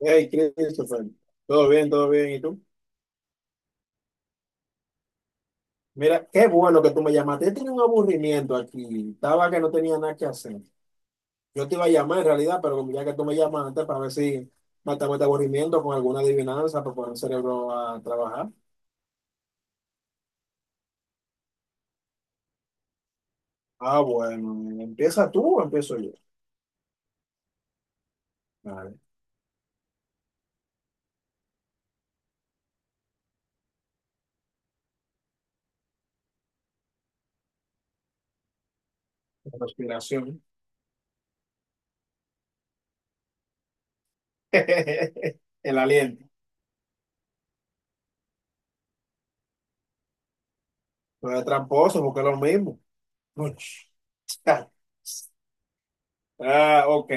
Hey, Christopher, todo bien, todo bien. ¿Y tú? Mira, qué bueno que tú me llamaste. Yo tenía un aburrimiento aquí. Estaba que no tenía nada que hacer. Yo te iba a llamar en realidad, pero como ya que tú me llamaste para ver si matamos este aburrimiento con alguna adivinanza para poner el cerebro a trabajar. Ah, bueno, ¿empieza tú o empiezo yo? Vale, la respiración. El aliento. Pero es tramposo porque es lo mismo. Uch. Ah, ok.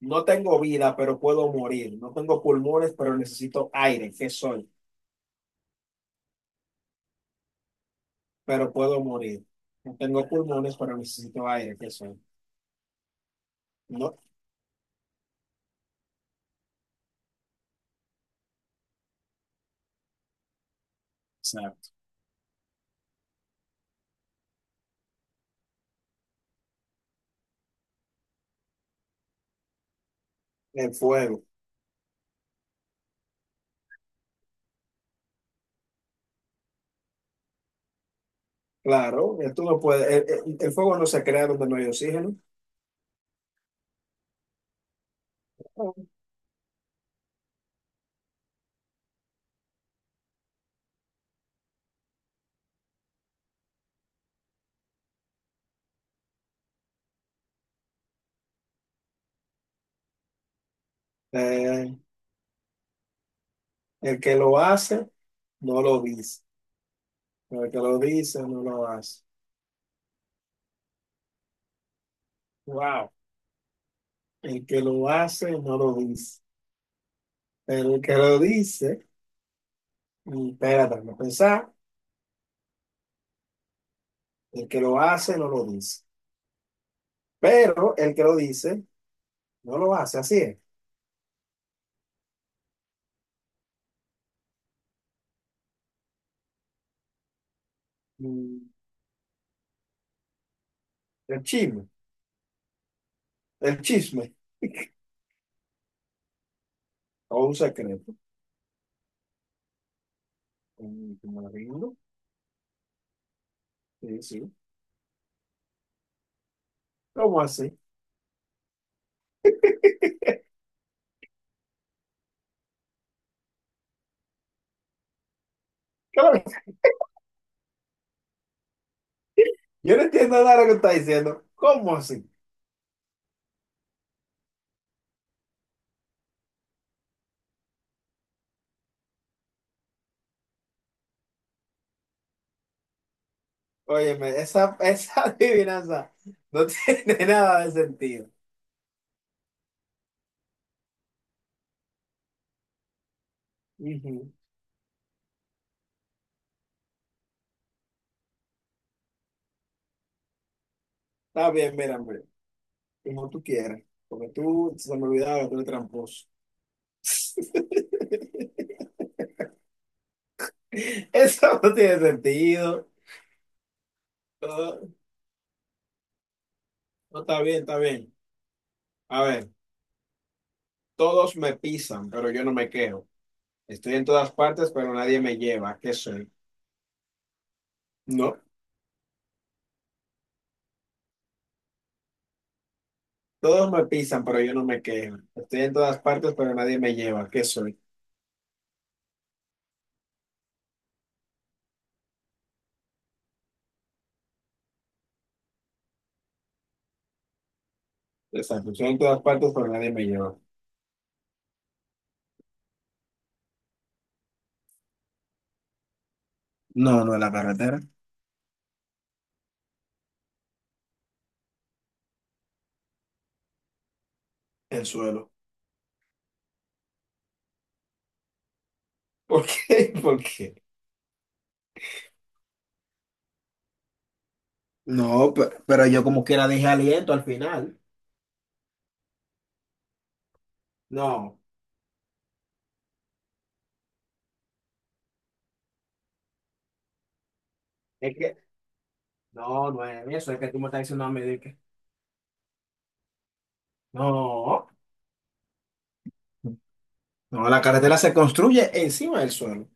No tengo vida, pero puedo morir. No tengo pulmones, pero necesito aire. ¿Qué soy? Pero puedo morir. No tengo pulmones, pero necesito aire. ¿Qué soy? No. Exacto. El fuego. Claro, tú no puedes. El fuego no se crea donde no hay oxígeno. Eh, el que lo hace, no lo dice. Pero el que lo dice, no lo hace. Wow. El que lo hace, no lo dice. Pero el que lo dice, espérate, no pensar. El que lo hace, no lo dice. Pero el que lo dice, no lo hace, así es. Mm, El chisme, el chisme, o un secreto. Me rindo, sí, sí. ¿Cómo así? Claro, yo no entiendo nada de lo que está diciendo. ¿Cómo así? Óyeme, esa adivinanza no tiene nada de sentido. Ujú. Está bien, mira, hombre, como tú quieras, porque tú se me olvidaba que tú eres tramposo. Eso no tiene sentido. No, no, está bien, está bien. A ver. Todos me pisan, pero yo no me quejo. Estoy en todas partes, pero nadie me lleva. ¿Qué soy? No. Todos me pisan, pero yo no me quejo. Estoy en todas partes, pero nadie me lleva. ¿Qué soy? Exacto. Estoy en todas partes, pero nadie me lleva. No, no es la carretera. El suelo. ¿Por qué? ¿Por qué? No, pero, yo como quiera dije aliento al final. No. Es que, no, no es eso. Es que tú me estás diciendo a mí de que. No. No, la carretera se construye encima del suelo.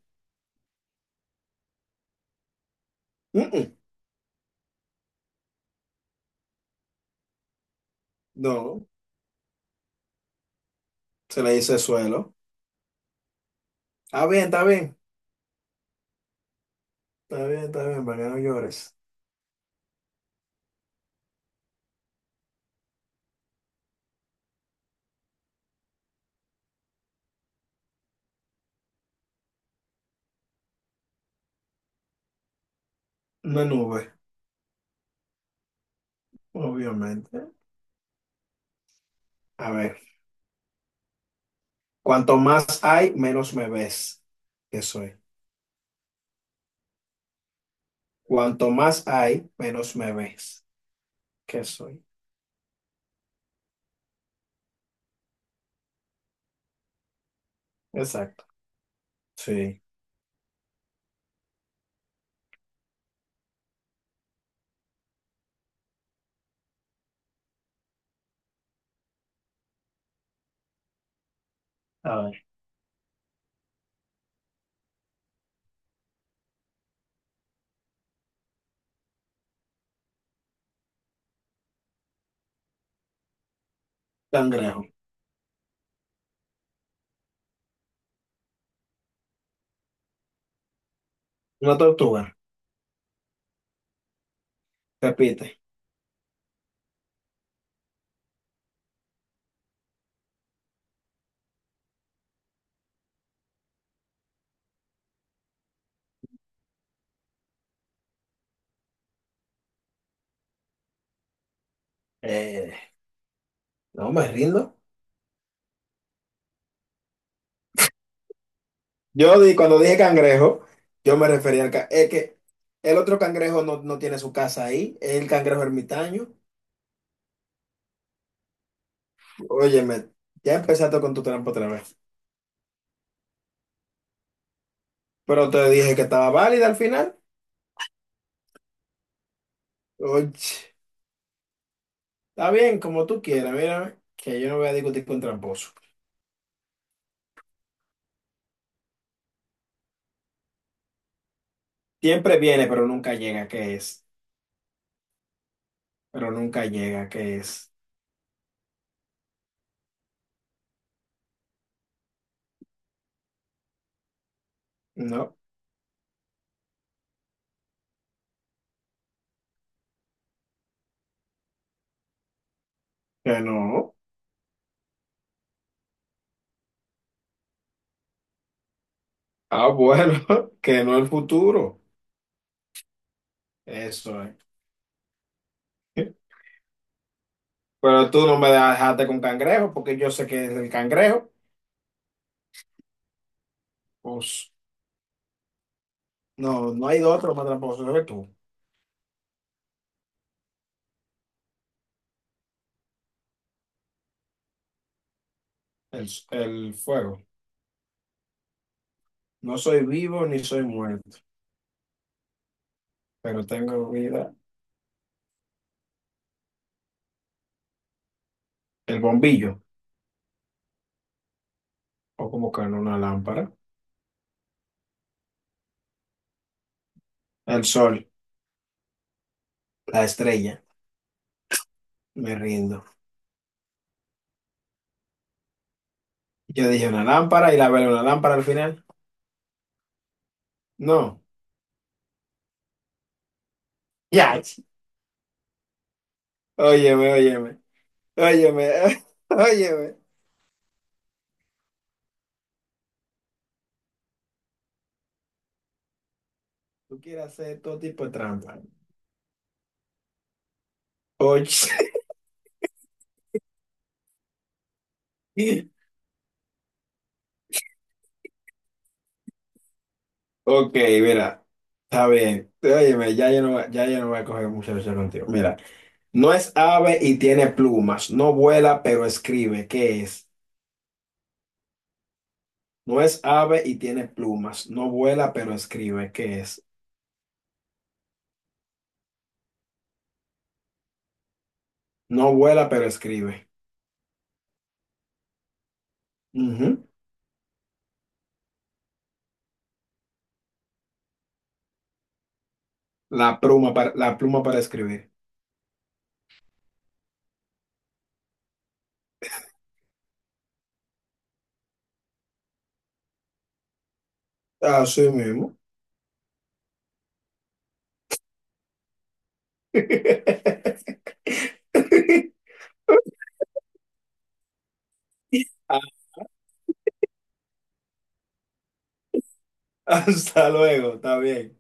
Mm, mm. No. Se le dice suelo. Está bien, está bien. Está bien, está bien, para que no llores. Una nube, obviamente. A ver, cuanto más hay, menos me ves. ¿Qué soy? Cuanto más hay, menos me ves. ¿Qué soy? Exacto. Sí. A ver, cangrejo. Una tortuga. Repite. Eh, no me rindo. Cuando dije cangrejo, yo me refería al... Es que el otro cangrejo, no tiene su casa ahí. Es el cangrejo ermitaño. Óyeme, ya empezaste con tu trampa otra vez. Pero te dije que estaba válida al final. Oye, está bien, como tú quieras, mira, que yo no voy a discutir con tramposo. Siempre viene, pero nunca llega, ¿qué es? Pero nunca llega, ¿qué es? No, que no. Ah, bueno, que no el futuro. Eso es. Pero tú no me dejaste con cangrejo, porque yo sé que es el cangrejo. Pues no, no hay de otro más tramposo que tú. El fuego. No soy vivo ni soy muerto, pero tengo vida. El bombillo. O como que en una lámpara. El sol, la estrella, me rindo. Yo dije una lámpara y la veo una lámpara al final. No. Ya. Óyeme, óyeme, óyeme, óyeme. Tú quieres hacer todo tipo de trampa. Oye. Ok, mira. Está bien. Óyeme, ya yo no voy a coger mucha lucha contigo. Mira, no es ave y tiene plumas. No vuela, pero escribe. ¿Qué es? No es ave y tiene plumas. No vuela, pero escribe. ¿Qué es? No vuela, pero escribe. Ujú. La pluma para escribir. Así mismo. Hasta luego, está bien.